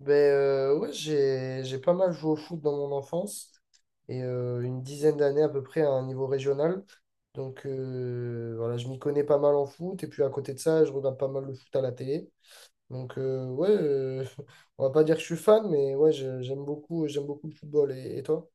Ben ouais, j'ai pas mal joué au foot dans mon enfance et une dizaine d'années à peu près à un niveau régional. Donc, voilà, je m'y connais pas mal en foot et puis à côté de ça, je regarde pas mal le foot à la télé. Donc, ouais, on va pas dire que je suis fan, mais ouais, j'aime beaucoup le football. Et toi?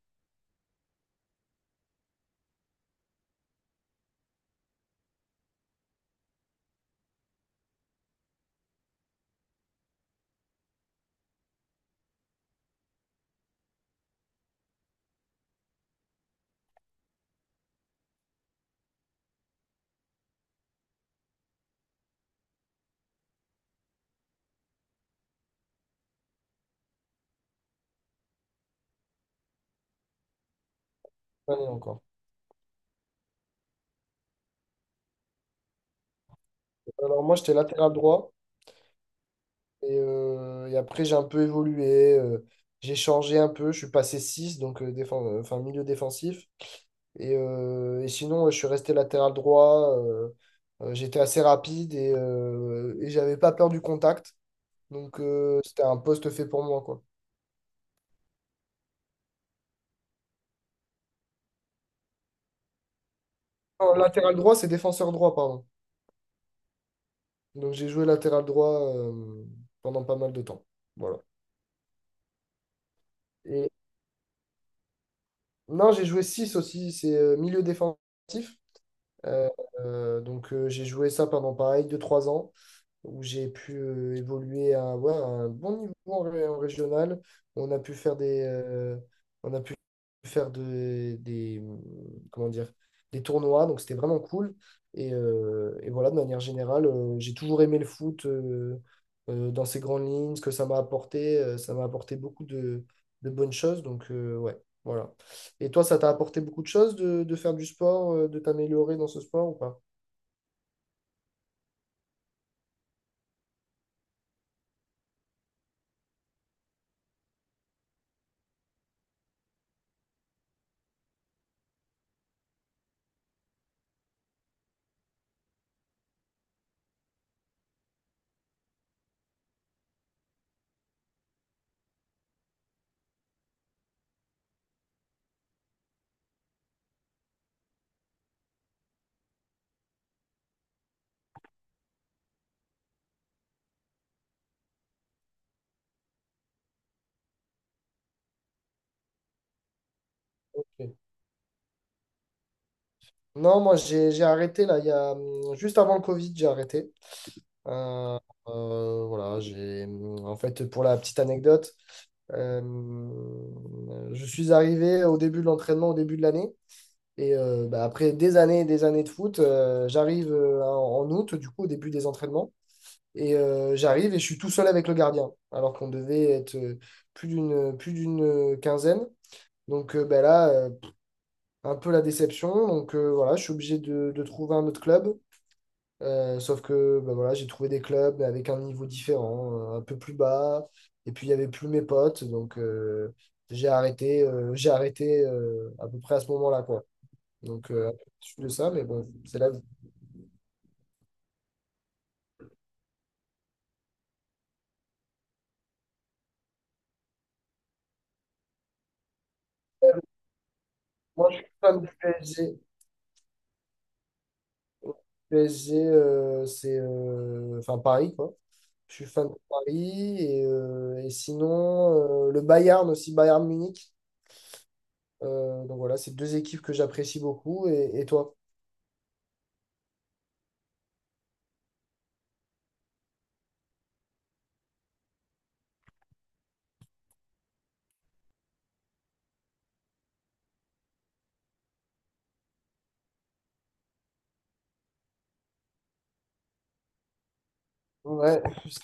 Pas né encore. Alors moi, j'étais latéral droit et après j'ai un peu évolué, j'ai changé un peu, je suis passé 6 donc enfin, milieu défensif. Et sinon, ouais, je suis resté latéral droit. J'étais assez rapide et j'avais pas peur du contact. Donc, c'était un poste fait pour moi, quoi. Non, latéral droit, c'est défenseur droit, pardon. Donc, j'ai joué latéral droit pendant pas mal de temps. Voilà. Et non, j'ai joué 6 aussi, c'est milieu défensif. Euh, donc, j'ai joué ça pendant pareil deux trois ans où j'ai pu évoluer à, ouais, à un bon niveau en, en régional. On a pu faire des, on a pu faire de- des, comment dire, des tournois, donc c'était vraiment cool. Et voilà, de manière générale, j'ai toujours aimé le foot dans ses grandes lignes, ce que ça m'a apporté beaucoup de bonnes choses. Donc, ouais, voilà. Et toi, ça t'a apporté beaucoup de choses de faire du sport, de t'améliorer dans ce sport ou pas? Ok. Non, moi j'ai arrêté là, il y a, juste avant le Covid, j'ai arrêté. Euh, voilà, en fait, pour la petite anecdote, je suis arrivé au début de l'entraînement, au début de l'année, et bah, après des années et des années de foot, j'arrive en août, du coup, au début des entraînements, et j'arrive et je suis tout seul avec le gardien, alors qu'on devait être plus d'une quinzaine. Donc, bah, là, un peu la déception. Donc, voilà, je suis obligé de trouver un autre club. Sauf que bah voilà, j'ai trouvé des clubs mais avec un niveau différent, un peu plus bas. Et puis il n'y avait plus mes potes. Donc, j'ai arrêté à peu près à ce moment-là, quoi. Donc, un peu de ça, mais bon, c'est la vie. Moi, je suis fan du PSG. PSG, c'est enfin Paris, quoi. Je suis fan de Paris. Et sinon, le Bayern aussi, Bayern Munich. Donc voilà, c'est deux équipes que j'apprécie beaucoup. Et toi? Ouais, c'est ça,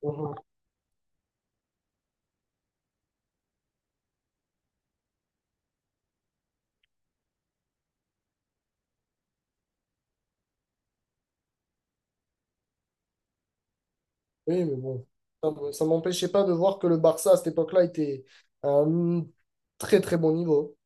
ok. Oui, mais bon, ça m'empêchait pas de voir que le Barça à cette époque-là était à un très très bon niveau.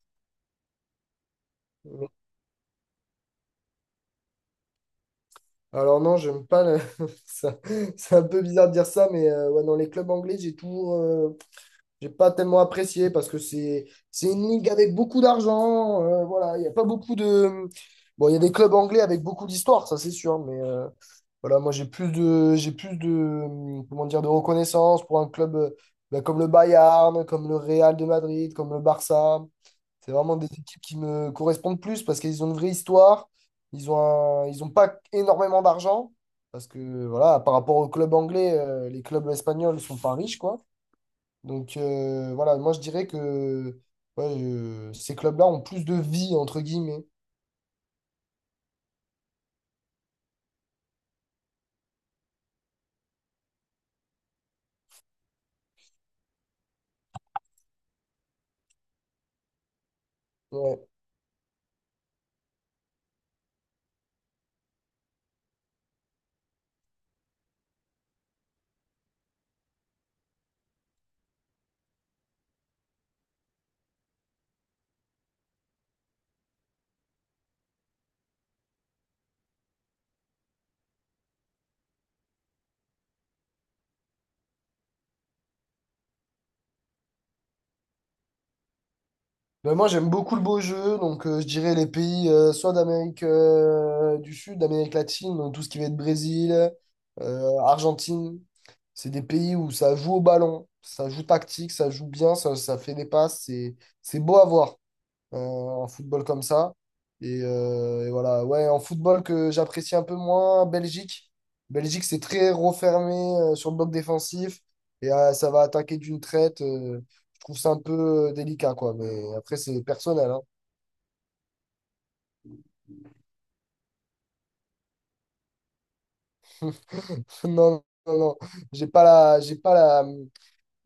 Alors non, j'aime pas ça. C'est un peu bizarre de dire ça, mais ouais, dans les clubs anglais, j'ai pas tellement apprécié parce que c'est une ligue avec beaucoup d'argent. Voilà, il n'y a pas beaucoup de. Bon, il y a des clubs anglais avec beaucoup d'histoire, ça c'est sûr, mais voilà, moi j'ai plus de comment dire de reconnaissance pour un club bah, comme le Bayern, comme le Real de Madrid, comme le Barça. C'est vraiment des équipes qui me correspondent plus parce qu'ils ont une vraie histoire. Ils ont pas énormément d'argent parce que voilà, par rapport aux clubs anglais, les clubs espagnols sont pas riches quoi. Donc, voilà, moi je dirais que ouais, ces clubs-là ont plus de vie, entre guillemets. Ouais. Mais moi j'aime beaucoup le beau jeu, donc, je dirais les pays soit d'Amérique du Sud, d'Amérique latine, donc tout ce qui va être Brésil, Argentine. C'est des pays où ça joue au ballon, ça joue tactique, ça joue bien, ça fait des passes, c'est beau à voir. En football comme ça. Et voilà, ouais, en football que j'apprécie un peu moins, Belgique. Belgique, c'est très refermé sur le bloc défensif et ça va attaquer d'une traite. Je trouve ça un peu délicat, quoi. Mais après, c'est personnel, hein. Non, non, non, j'ai pas la, j'ai pas la,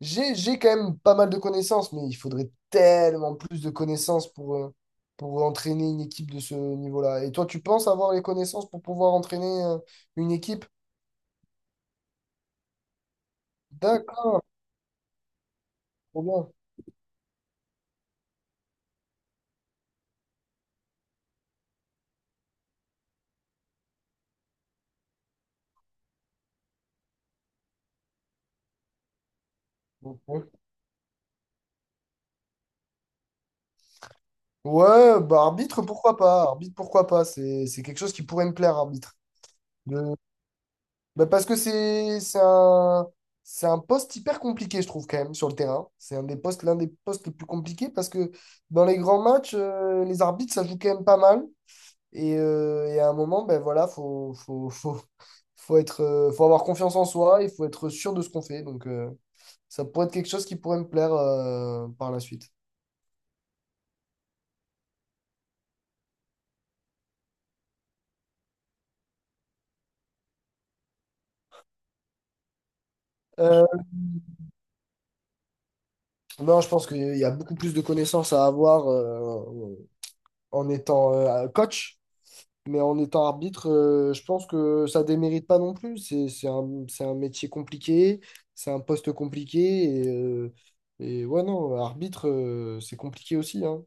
j'ai quand même pas mal de connaissances, mais il faudrait tellement plus de connaissances pour entraîner une équipe de ce niveau-là. Et toi, tu penses avoir les connaissances pour pouvoir entraîner une équipe? D'accord. Trop bien. Ok. Ouais, bah arbitre, pourquoi pas? Arbitre, pourquoi pas? C'est quelque chose qui pourrait me plaire, arbitre. De- Bah, parce que c'est un poste hyper compliqué, je trouve, quand même, sur le terrain. C'est un des postes, l'un des postes les plus compliqués parce que dans les grands matchs, les arbitres, ça joue quand même pas mal. Et à un moment, ben voilà, faut avoir confiance en soi, il faut être sûr de ce qu'on fait. Donc, ça pourrait être quelque chose qui pourrait me plaire, par la suite. Euh, Non, je pense qu'il y a beaucoup plus de connaissances à avoir en étant coach, mais en étant arbitre, je pense que ça démérite pas non plus. C'est un métier compliqué, c'est un poste compliqué, et ouais, non, arbitre, c'est compliqué aussi, hein.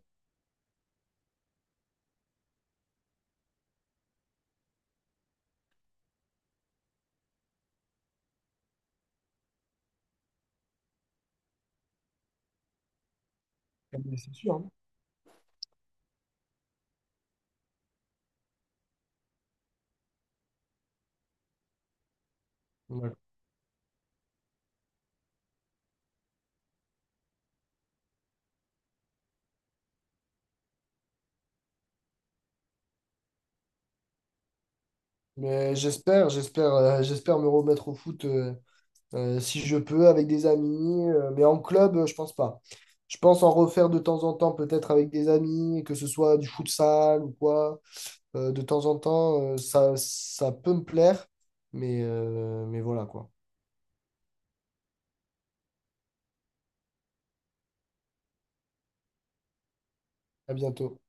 Ah, mais c'est sûr, hein. Ouais. Mais j'espère me remettre au foot. Si je peux, avec des amis. Mais en club, je pense pas. Je pense en refaire de temps en temps, peut-être avec des amis, que ce soit du futsal ou quoi. De temps en temps, ça peut me plaire. Mais voilà quoi. À bientôt.